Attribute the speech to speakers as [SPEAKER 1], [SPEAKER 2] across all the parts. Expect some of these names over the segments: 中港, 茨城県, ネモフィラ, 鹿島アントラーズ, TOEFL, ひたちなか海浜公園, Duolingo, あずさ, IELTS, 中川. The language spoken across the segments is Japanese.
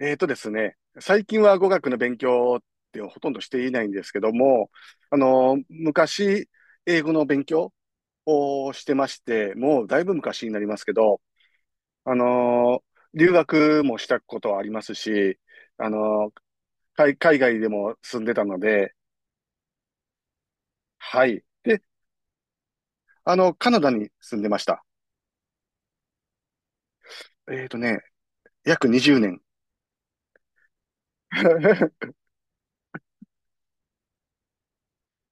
[SPEAKER 1] えーとですね、最近は語学の勉強ってほとんどしていないんですけども、昔、英語の勉強をしてまして、もうだいぶ昔になりますけど、あの、留学もしたことはありますし、あの、海外でも住んでたので、はい。で、カナダに住んでました。えーとね、約20年。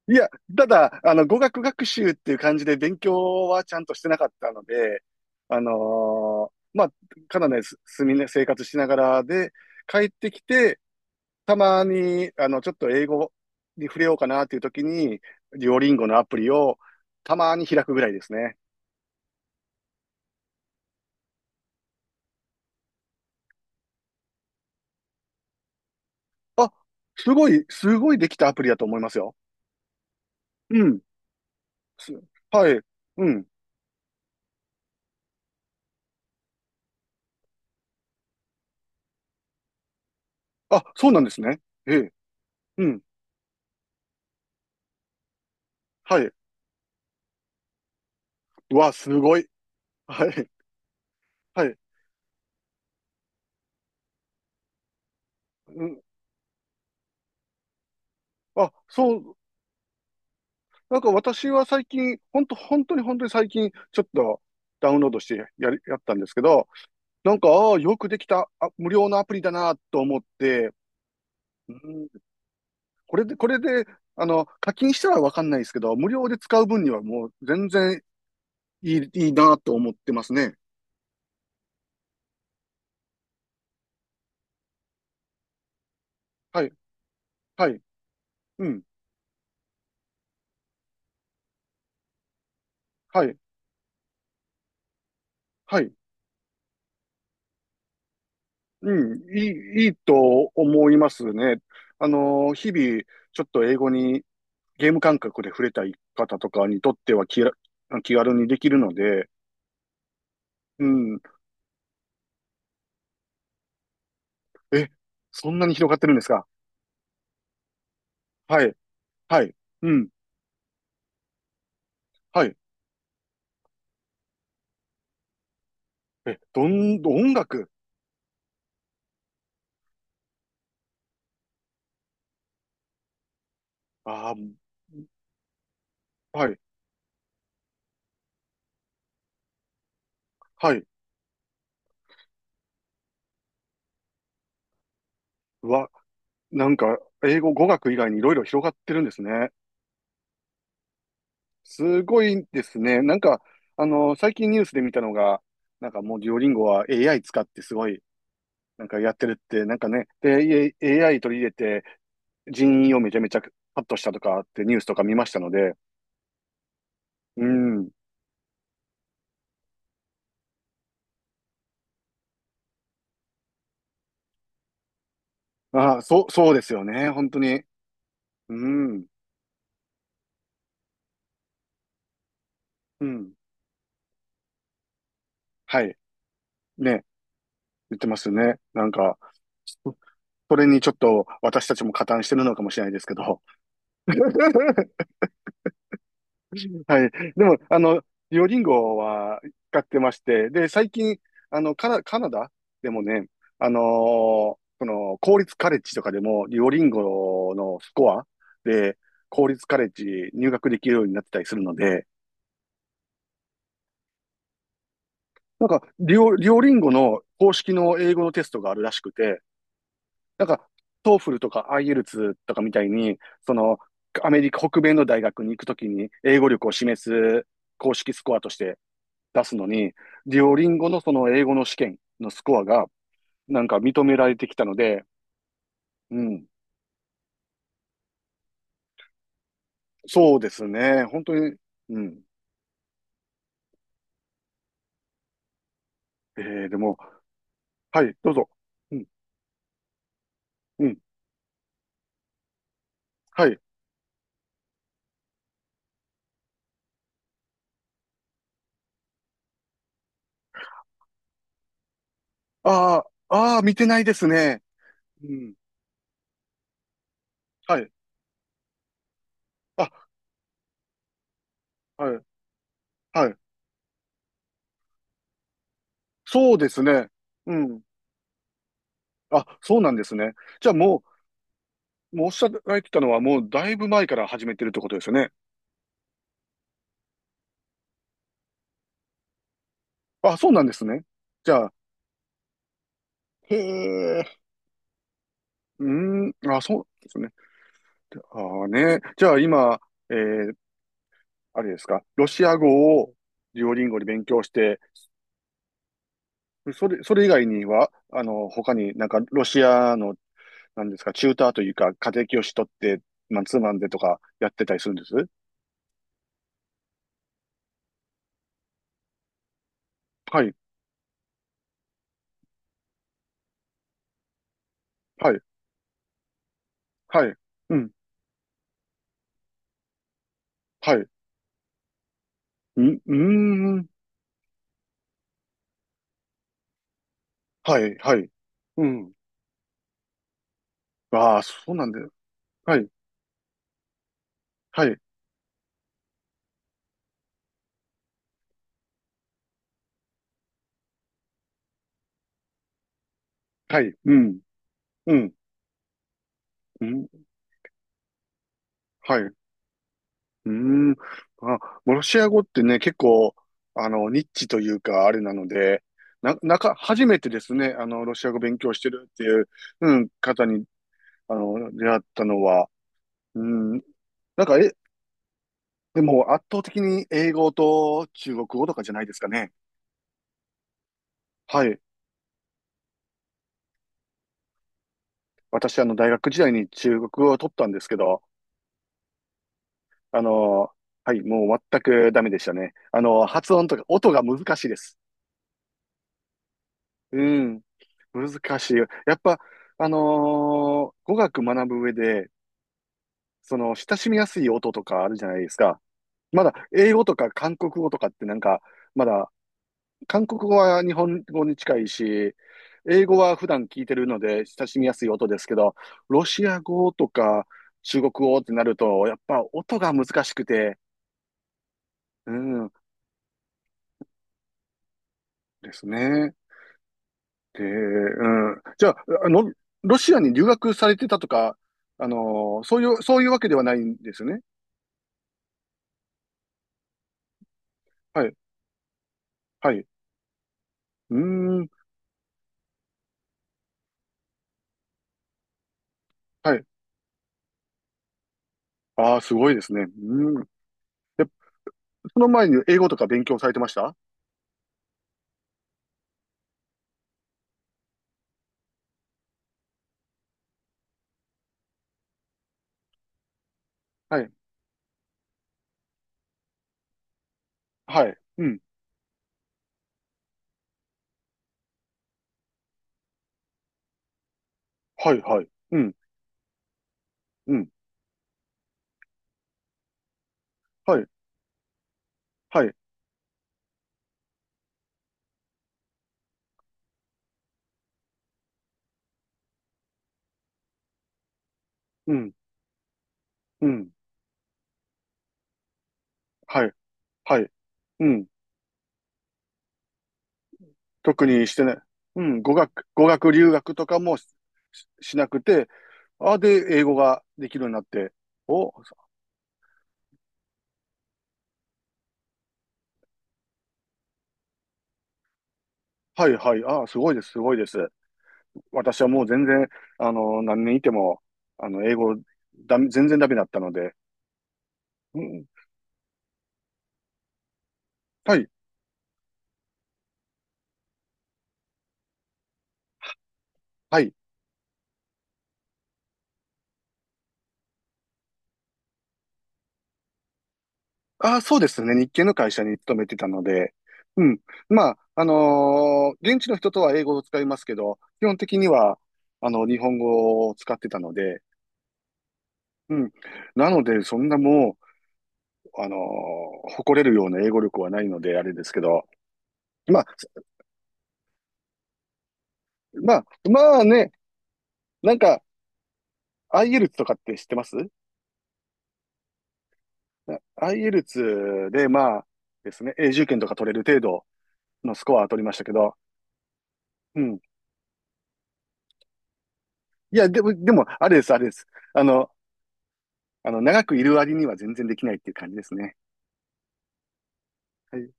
[SPEAKER 1] いや、ただ、語学学習っていう感じで勉強はちゃんとしてなかったので、まあ、カナダに住みね、生活しながらで、帰ってきて、たまに、ちょっと英語に触れようかなっていう時に、デュオリンゴのアプリをたまに開くぐらいですね。あ、すごい、すごいできたアプリだと思いますよ。うん。すはい。うん。あ、そうなんですね。ええ。うん。はい。うわ、すごい。はい。はい。うん。あ、そう、なんか私は最近、ほんと、本当に本当に最近、ちょっとダウンロードしてやったんですけど、なんか、ああ、よくできた、無料のアプリだなと思って、うん、これで、課金したらわかんないですけど、無料で使う分にはもう全然いいなと思ってますね。はい、はい、うん、はい、はい、うん、いいと思いますね。日々、ちょっと英語にゲーム感覚で触れたい方とかにとっては気軽にできるので、うん、え、そんなに広がってるんですか？はい、はい、うん、はい。え、音楽ああ、はい、はい。うわ、なんか、語学以外にいろいろ広がってるんですね。すごいですね。なんか、最近ニュースで見たのが、なんかもうデュオリンゴは AI 使ってすごい、なんかやってるって、なんかね、で、AI 取り入れて、人員をめちゃめちゃカットしたとかってニュースとか見ましたので、うん。あ、そう、そうですよね。本当に。うん。うん。はい。ね。言ってますね。なんか、そそれにちょっと私たちも加担してるのかもしれないですけど。はい。でも、デュオリンゴは使ってまして、で、最近、カナダでもね、その、公立カレッジとかでも、デュオリンゴのスコアで、公立カレッジ入学できるようになってたりするので、なんか、デュオリンゴの公式の英語のテストがあるらしくて、なんか、トーフルとか IELTS とかみたいに、その、アメリカ北米の大学に行くときに英語力を示す公式スコアとして出すのに、デュオリンゴのその英語の試験のスコアがなんか認められてきたので、うん。そうですね。本当に、うん。えでも、はい、どうぞ。うん、うん、はい。ああ、ああ、見てないですね。うん、はい。あ、はい、はい。そうですね。うん。あ、そうなんですね。じゃあもうおっしゃられてたのはもうだいぶ前から始めてるってことですよね。あ、そうなんですね。じゃあ、へえ、うーん、あ、そうですね。ああね。じゃあ今、えー、あれですか、ロシア語をデュオリンゴで勉強して、それ以外には、他になんかロシアの、なんですか、チューターというか、家庭教師取って、まあツーマンでとかやってたりするんです？はい、はい、はい、うん、はい、うん、うーん、はい、はい、うん。ああ、そうなんだよ。はい、はい、はい、うん、うん、うん、はい。うーん。あ、ロシア語ってね、結構、ニッチというか、あれなので、な、なか、初めてですね、ロシア語勉強してるっていう、うん、方に、出会ったのは、うん、なんか、でも、圧倒的に英語と中国語とかじゃないですかね。はい。私、大学時代に中国語を取ったんですけど、あの、はい、もう全くダメでしたね。発音とか、音が難しいです。うん。難しいよ。やっぱ、語学学ぶ上で、その、親しみやすい音とかあるじゃないですか。まだ、英語とか韓国語とかってなんか、まだ、韓国語は日本語に近いし、英語は普段聞いてるので親しみやすい音ですけど、ロシア語とか中国語ってなると、やっぱ音が難しくて、うん、ですね。で、うん。じゃあ、あの、ロシアに留学されてたとか、あのそういうわけではないんですね。はい。はい。うーん。はい。ああ、すごいですね。うーん。で、その前に英語とか勉強されてました？はい。はい。うん。はい、はい。うん。うん。はい。はい。うん。うん。はい。はい。うん。特にしてない。うん。語学留学とかしなくて、ああ、で、英語ができるようになって、お、はいはい。ああ、すごいです、すごいです。私はもう全然、何年いても、英語、全然ダメだったので。うん、はい、はい。ああ、そうですね。日系の会社に勤めてたので。うん。まあ、現地の人とは英語を使いますけど、基本的には、日本語を使ってたので。うん。なので、そんなもう、誇れるような英語力はないので、あれですけど。まあ、まあ、まあね、なんか、IELTS とかって知ってます？ IELTS で、まあですね、永住権とか取れる程度のスコアは取りましたけど、うん。いや、でも、あれです、あれです。あの、長くいる割には全然できないっていう感じですね。はい。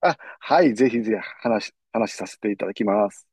[SPEAKER 1] あ、はい、ぜひぜひ話させていただきます。